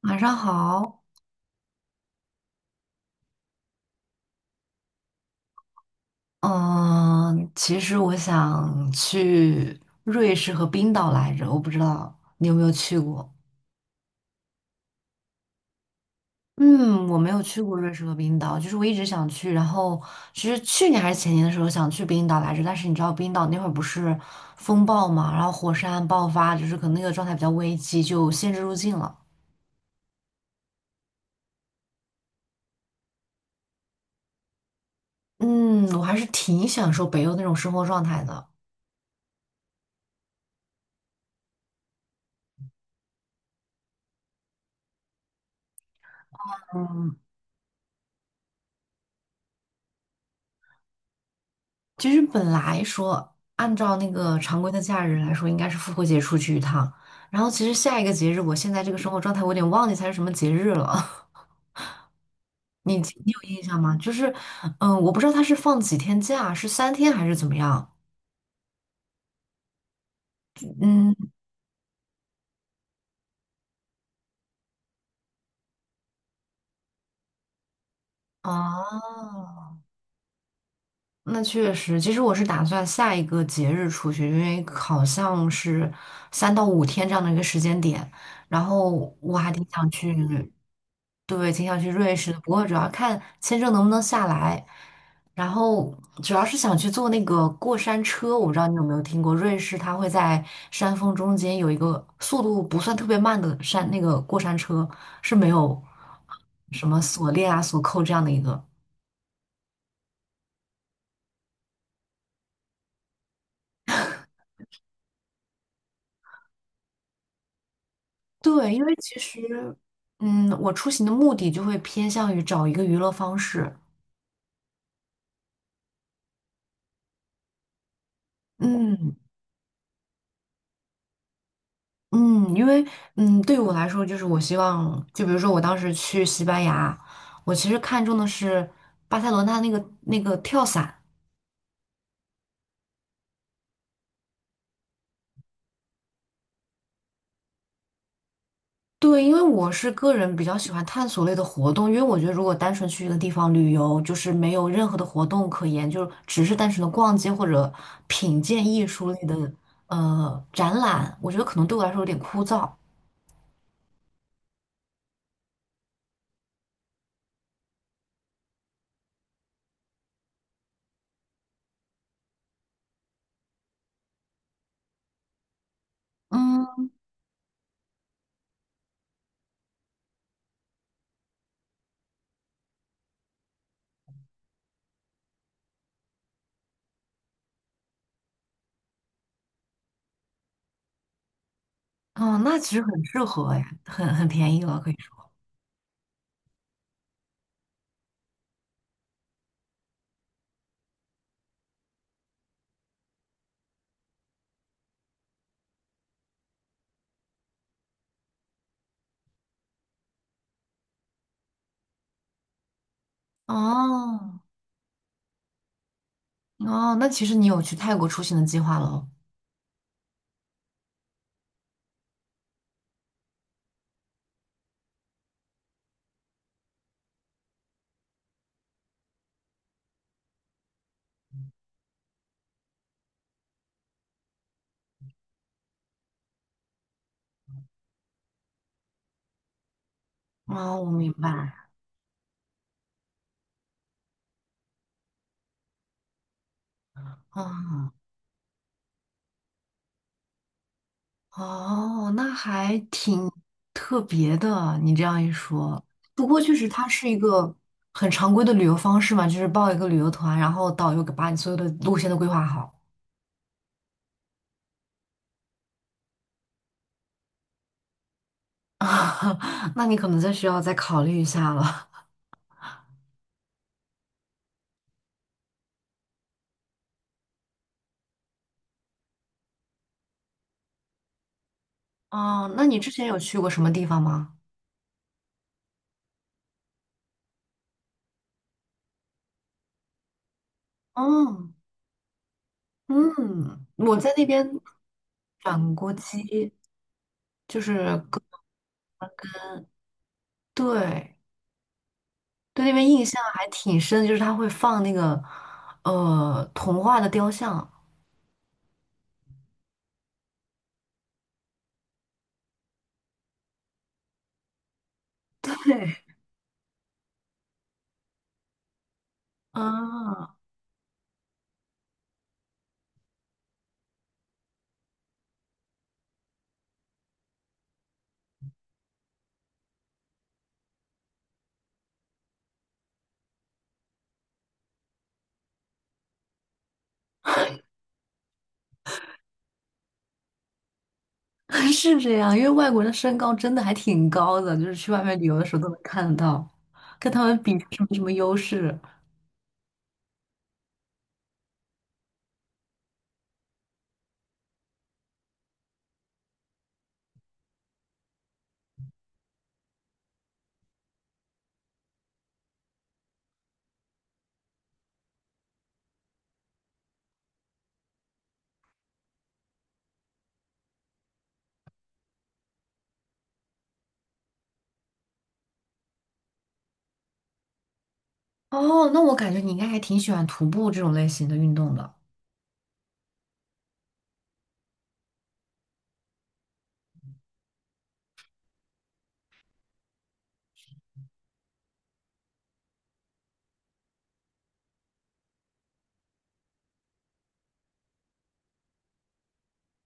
晚上好。嗯，其实我想去瑞士和冰岛来着，我不知道你有没有去过。嗯，我没有去过瑞士和冰岛，就是我一直想去，然后其实去年还是前年的时候想去冰岛来着，但是你知道冰岛那会儿不是风暴嘛，然后火山爆发，就是可能那个状态比较危机，就限制入境了。嗯，我还是挺享受北欧那种生活状态的。嗯。其实本来说，按照那个常规的假日来说，应该是复活节出去一趟。然后其实下一个节日，我现在这个生活状态，我有点忘记它是什么节日了。你有印象吗？就是，我不知道它是放几天假，是三天还是怎么样？嗯。啊，那确实，其实我是打算下一个节日出去，因为好像是三到五天这样的一个时间点，然后我还挺想去，对，挺想去瑞士的，不过主要看签证能不能下来，然后主要是想去坐那个过山车，我不知道你有没有听过，瑞士它会在山峰中间有一个速度不算特别慢的山，那个过山车是没有什么锁链啊、锁扣这样的一个。对，因为其实，我出行的目的就会偏向于找一个娱乐方式。嗯。嗯，因为嗯，对于我来说，就是我希望，就比如说我当时去西班牙，我其实看中的是巴塞罗那那个跳伞。对，因为我是个人比较喜欢探索类的活动，因为我觉得如果单纯去一个地方旅游，就是没有任何的活动可言，就只是单纯的逛街或者品鉴艺术类的展览，我觉得可能对我来说有点枯燥。嗯。哦，那其实很适合哎，很便宜了，可以说。哦。哦，那其实你有去泰国出行的计划喽？哦，我明白。哦。哦，那还挺特别的，你这样一说。不过确实，它是一个很常规的旅游方式嘛，就是报一个旅游团，然后导游给把你所有的路线都规划好。那你可能再需要再考虑一下了。哦，那你之前有去过什么地方吗？哦。嗯，我在那边转锅鸡。就是跟对。对那边印象还挺深，就是他会放那个童话的雕像。对，啊。是这样，因为外国人的身高真的还挺高的，就是去外面旅游的时候都能看得到，跟他们比是没什么优势。哦，那我感觉你应该还挺喜欢徒步这种类型的运动的。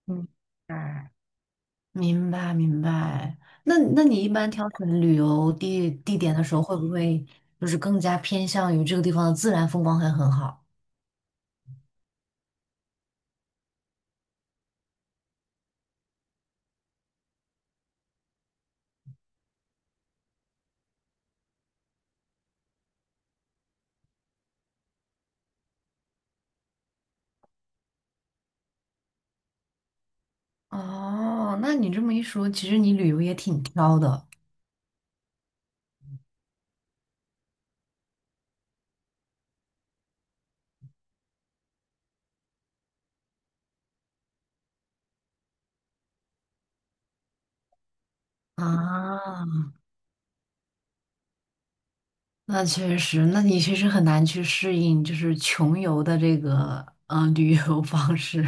嗯。哎。明白明白。那你一般挑选旅游地点的时候，会不会就是更加偏向于这个地方的自然风光还很好？哦，那你这么一说，其实你旅游也挺挑的啊。那确实，那你确实很难去适应，就是穷游的这个旅游方式。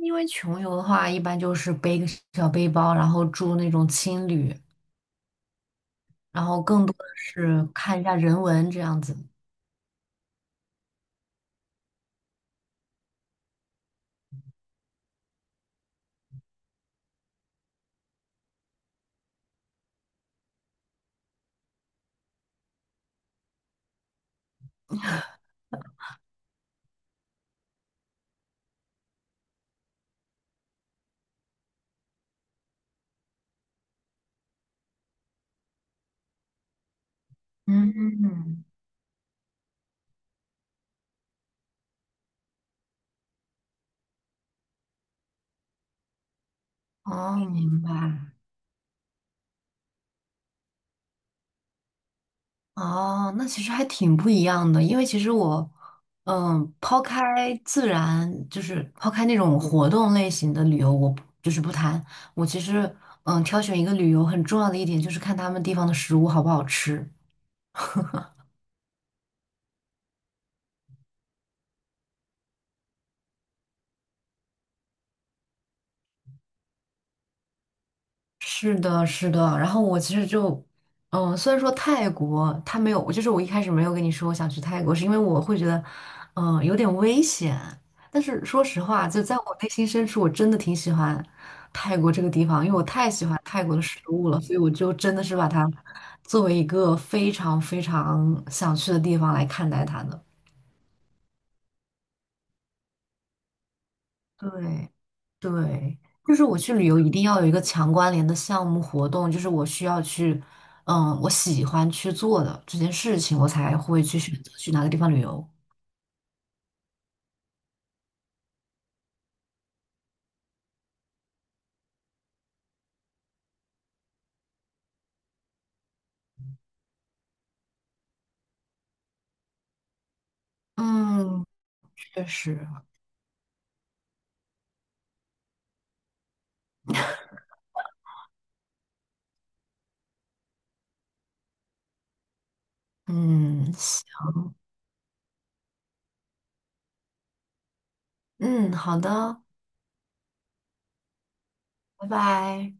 因为穷游的话，一般就是背个小背包，然后住那种青旅，然后更多的是看一下人文这样子。嗯。哦，明白。哦，那其实还挺不一样的，因为其实我，抛开自然，就是抛开那种活动类型的旅游，我不就是不谈。我其实，挑选一个旅游很重要的一点就是看他们地方的食物好不好吃。是的，是的。然后我其实就，虽然说泰国它没有，就是我一开始没有跟你说我想去泰国，是因为我会觉得，有点危险。但是说实话，就在我内心深处，我真的挺喜欢泰国这个地方，因为我太喜欢泰国的食物了，所以我就真的是把它作为一个非常非常想去的地方来看待它的。对。对，就是我去旅游一定要有一个强关联的项目活动，就是我需要去，我喜欢去做的这件事情，我才会去选择去哪个地方旅游。嗯，确实。嗯，行嗯，好的，拜拜。